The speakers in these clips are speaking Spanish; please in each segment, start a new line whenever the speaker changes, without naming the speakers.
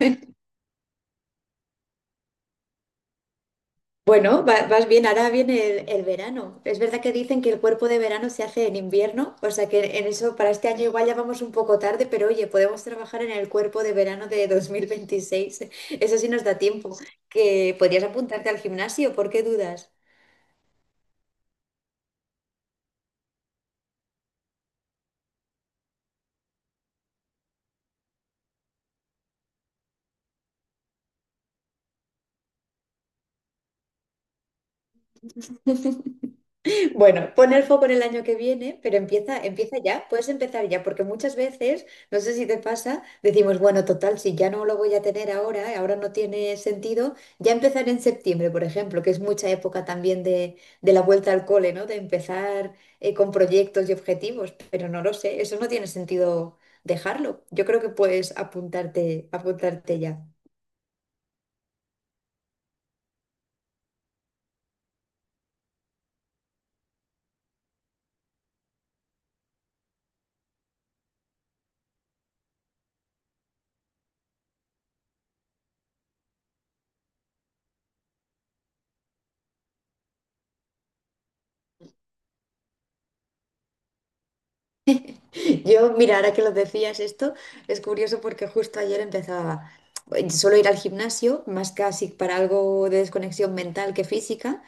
Bueno, vas bien, ahora viene el verano. Es verdad que dicen que el cuerpo de verano se hace en invierno, o sea que en eso para este año igual ya vamos un poco tarde, pero oye, podemos trabajar en el cuerpo de verano de 2026. Eso sí nos da tiempo. Que podrías apuntarte al gimnasio, ¿por qué dudas? Bueno, pon el foco en el año que viene, pero empieza, empieza ya, puedes empezar ya, porque muchas veces, no sé si te pasa, decimos, bueno, total, si ya no lo voy a tener ahora, ahora no tiene sentido, ya empezar en septiembre, por ejemplo, que es mucha época también de la vuelta al cole, ¿no? De empezar con proyectos y objetivos, pero no lo sé, eso no tiene sentido dejarlo. Yo creo que puedes apuntarte, apuntarte ya. Yo, mira, ahora que lo decías esto, es curioso porque justo ayer empezaba, solo ir al gimnasio, más casi para algo de desconexión mental que física,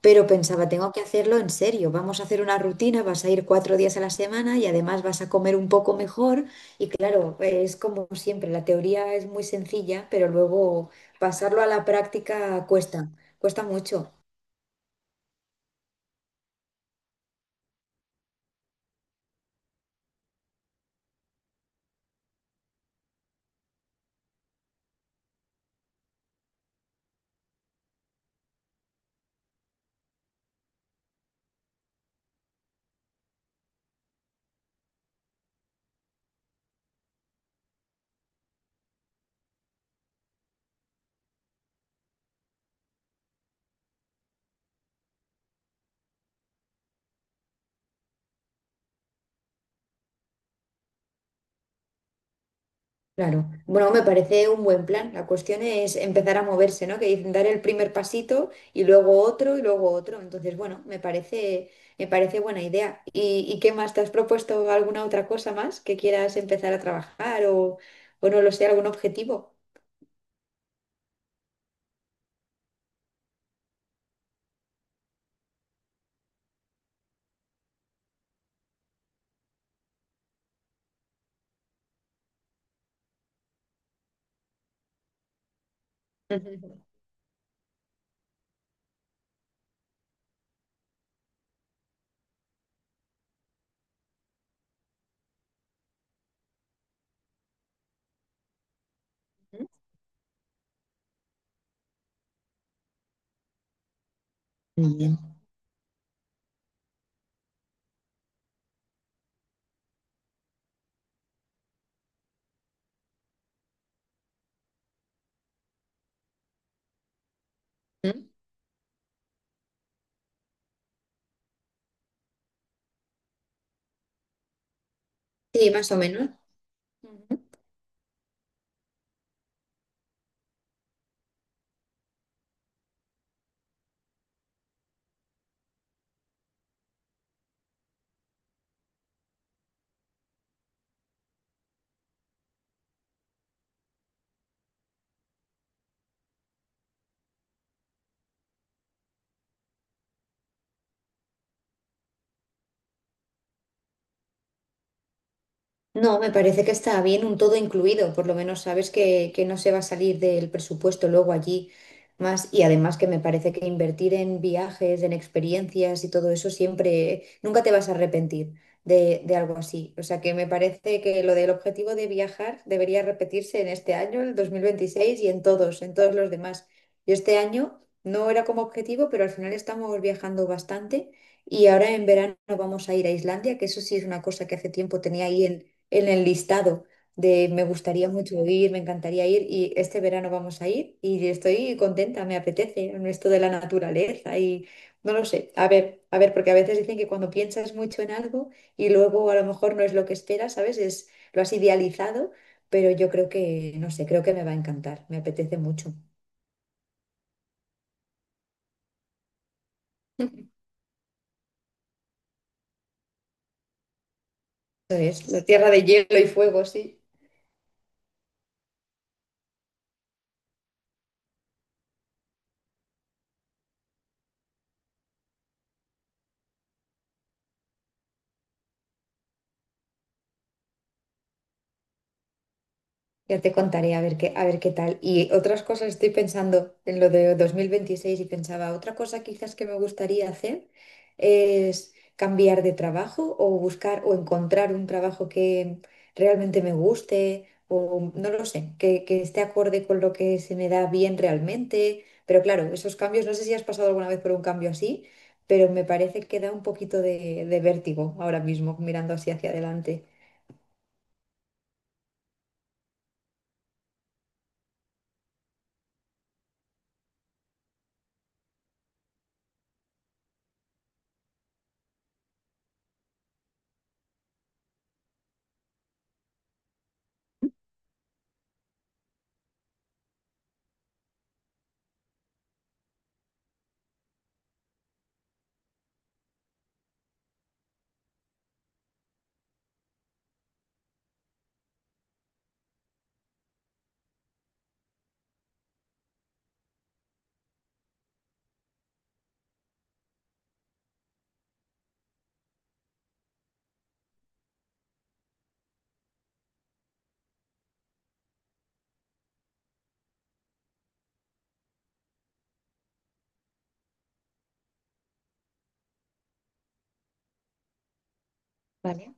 pero pensaba, tengo que hacerlo en serio, vamos a hacer una rutina, vas a ir 4 días a la semana y además vas a comer un poco mejor. Y claro, es como siempre, la teoría es muy sencilla, pero luego pasarlo a la práctica cuesta, cuesta mucho. Claro. Bueno, me parece un buen plan. La cuestión es empezar a moverse, ¿no? Que dicen dar el primer pasito y luego otro y luego otro. Entonces, bueno, me parece buena idea. ¿Y qué más? ¿Te has propuesto alguna otra cosa más que quieras empezar a trabajar o no lo sé, algún objetivo? Ujú. Muy bien. ¿Mm? Sí, más o menos. No, me parece que está bien un todo incluido, por lo menos sabes que no se va a salir del presupuesto luego allí más y además que me parece que invertir en viajes, en experiencias y todo eso siempre, nunca te vas a arrepentir de algo así. O sea que me parece que lo del objetivo de viajar debería repetirse en este año, el 2026 y en todos los demás. Yo este año no era como objetivo, pero al final estamos viajando bastante. Y ahora en verano vamos a ir a Islandia, que eso sí es una cosa que hace tiempo tenía ahí en el listado de me gustaría mucho ir, me encantaría ir y este verano vamos a ir y estoy contenta, me apetece en esto de la naturaleza y no lo sé. A ver, porque a veces dicen que cuando piensas mucho en algo y luego a lo mejor no es lo que esperas, ¿sabes? Es, lo has idealizado, pero yo creo que, no sé, creo que me va a encantar, me apetece mucho. Eso es, la tierra de hielo y fuego, sí. Ya te contaré a ver qué tal. Y otras cosas, estoy pensando en lo de 2026 y pensaba, otra cosa quizás que me gustaría hacer es cambiar de trabajo o buscar o encontrar un trabajo que realmente me guste o no lo sé, que esté acorde con lo que se me da bien realmente. Pero claro, esos cambios, no sé si has pasado alguna vez por un cambio así, pero me parece que da un poquito de vértigo ahora mismo mirando así hacia adelante. Vale.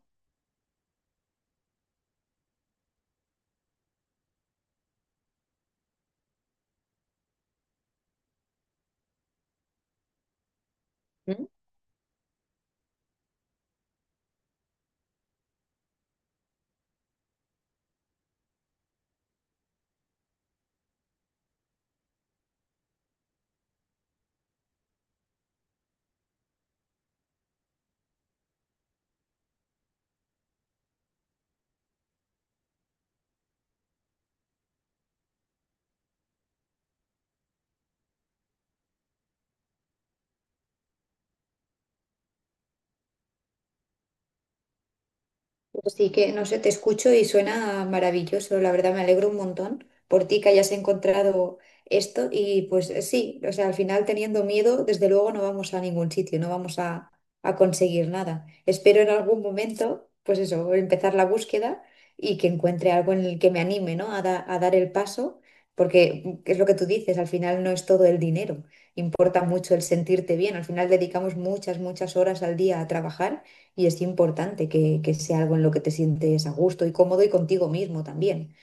Así que, no sé, te escucho y suena maravilloso, la verdad me alegro un montón por ti que hayas encontrado esto y pues sí, o sea, al final teniendo miedo, desde luego no vamos a ningún sitio, no vamos a conseguir nada. Espero en algún momento, pues eso, empezar la búsqueda y que encuentre algo en el que me anime, ¿no? A, a dar el paso, porque es lo que tú dices, al final no es todo el dinero, importa mucho el sentirte bien, al final dedicamos muchas, muchas horas al día a trabajar y es importante que sea algo en lo que te sientes a gusto y cómodo y contigo mismo también.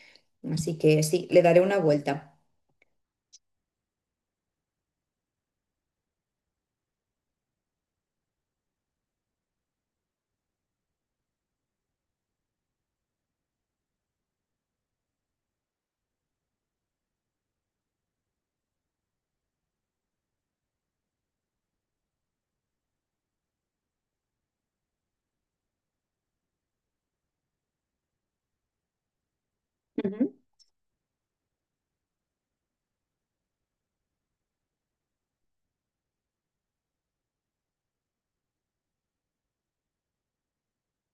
Así que sí, le daré una vuelta. Ujú.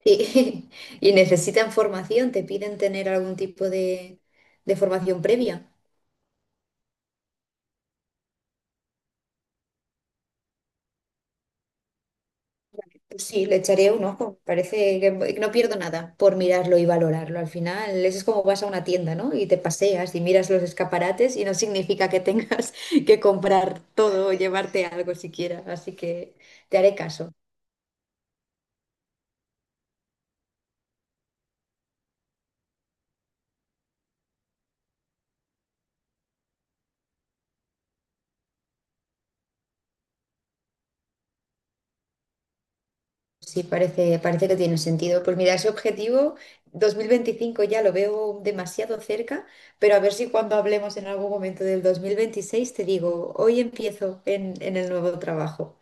Sí. ¿Y necesitan formación? ¿Te piden tener algún tipo de formación previa? Pues sí, le echaré un ojo. Parece que no pierdo nada por mirarlo y valorarlo. Al final, eso es como vas a una tienda, ¿no? Y te paseas y miras los escaparates y no significa que tengas que comprar todo o llevarte algo siquiera. Así que te haré caso. Sí, parece, parece que tiene sentido. Pues mira, ese objetivo 2025 ya lo veo demasiado cerca, pero a ver si cuando hablemos en algún momento del 2026 te digo, hoy empiezo en el nuevo trabajo.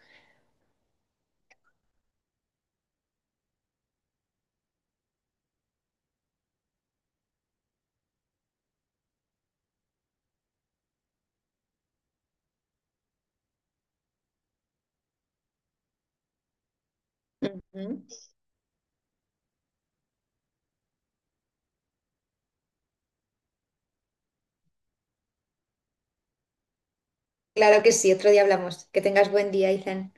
Ujú. Claro que sí, otro día hablamos. Que tengas buen día, Izan.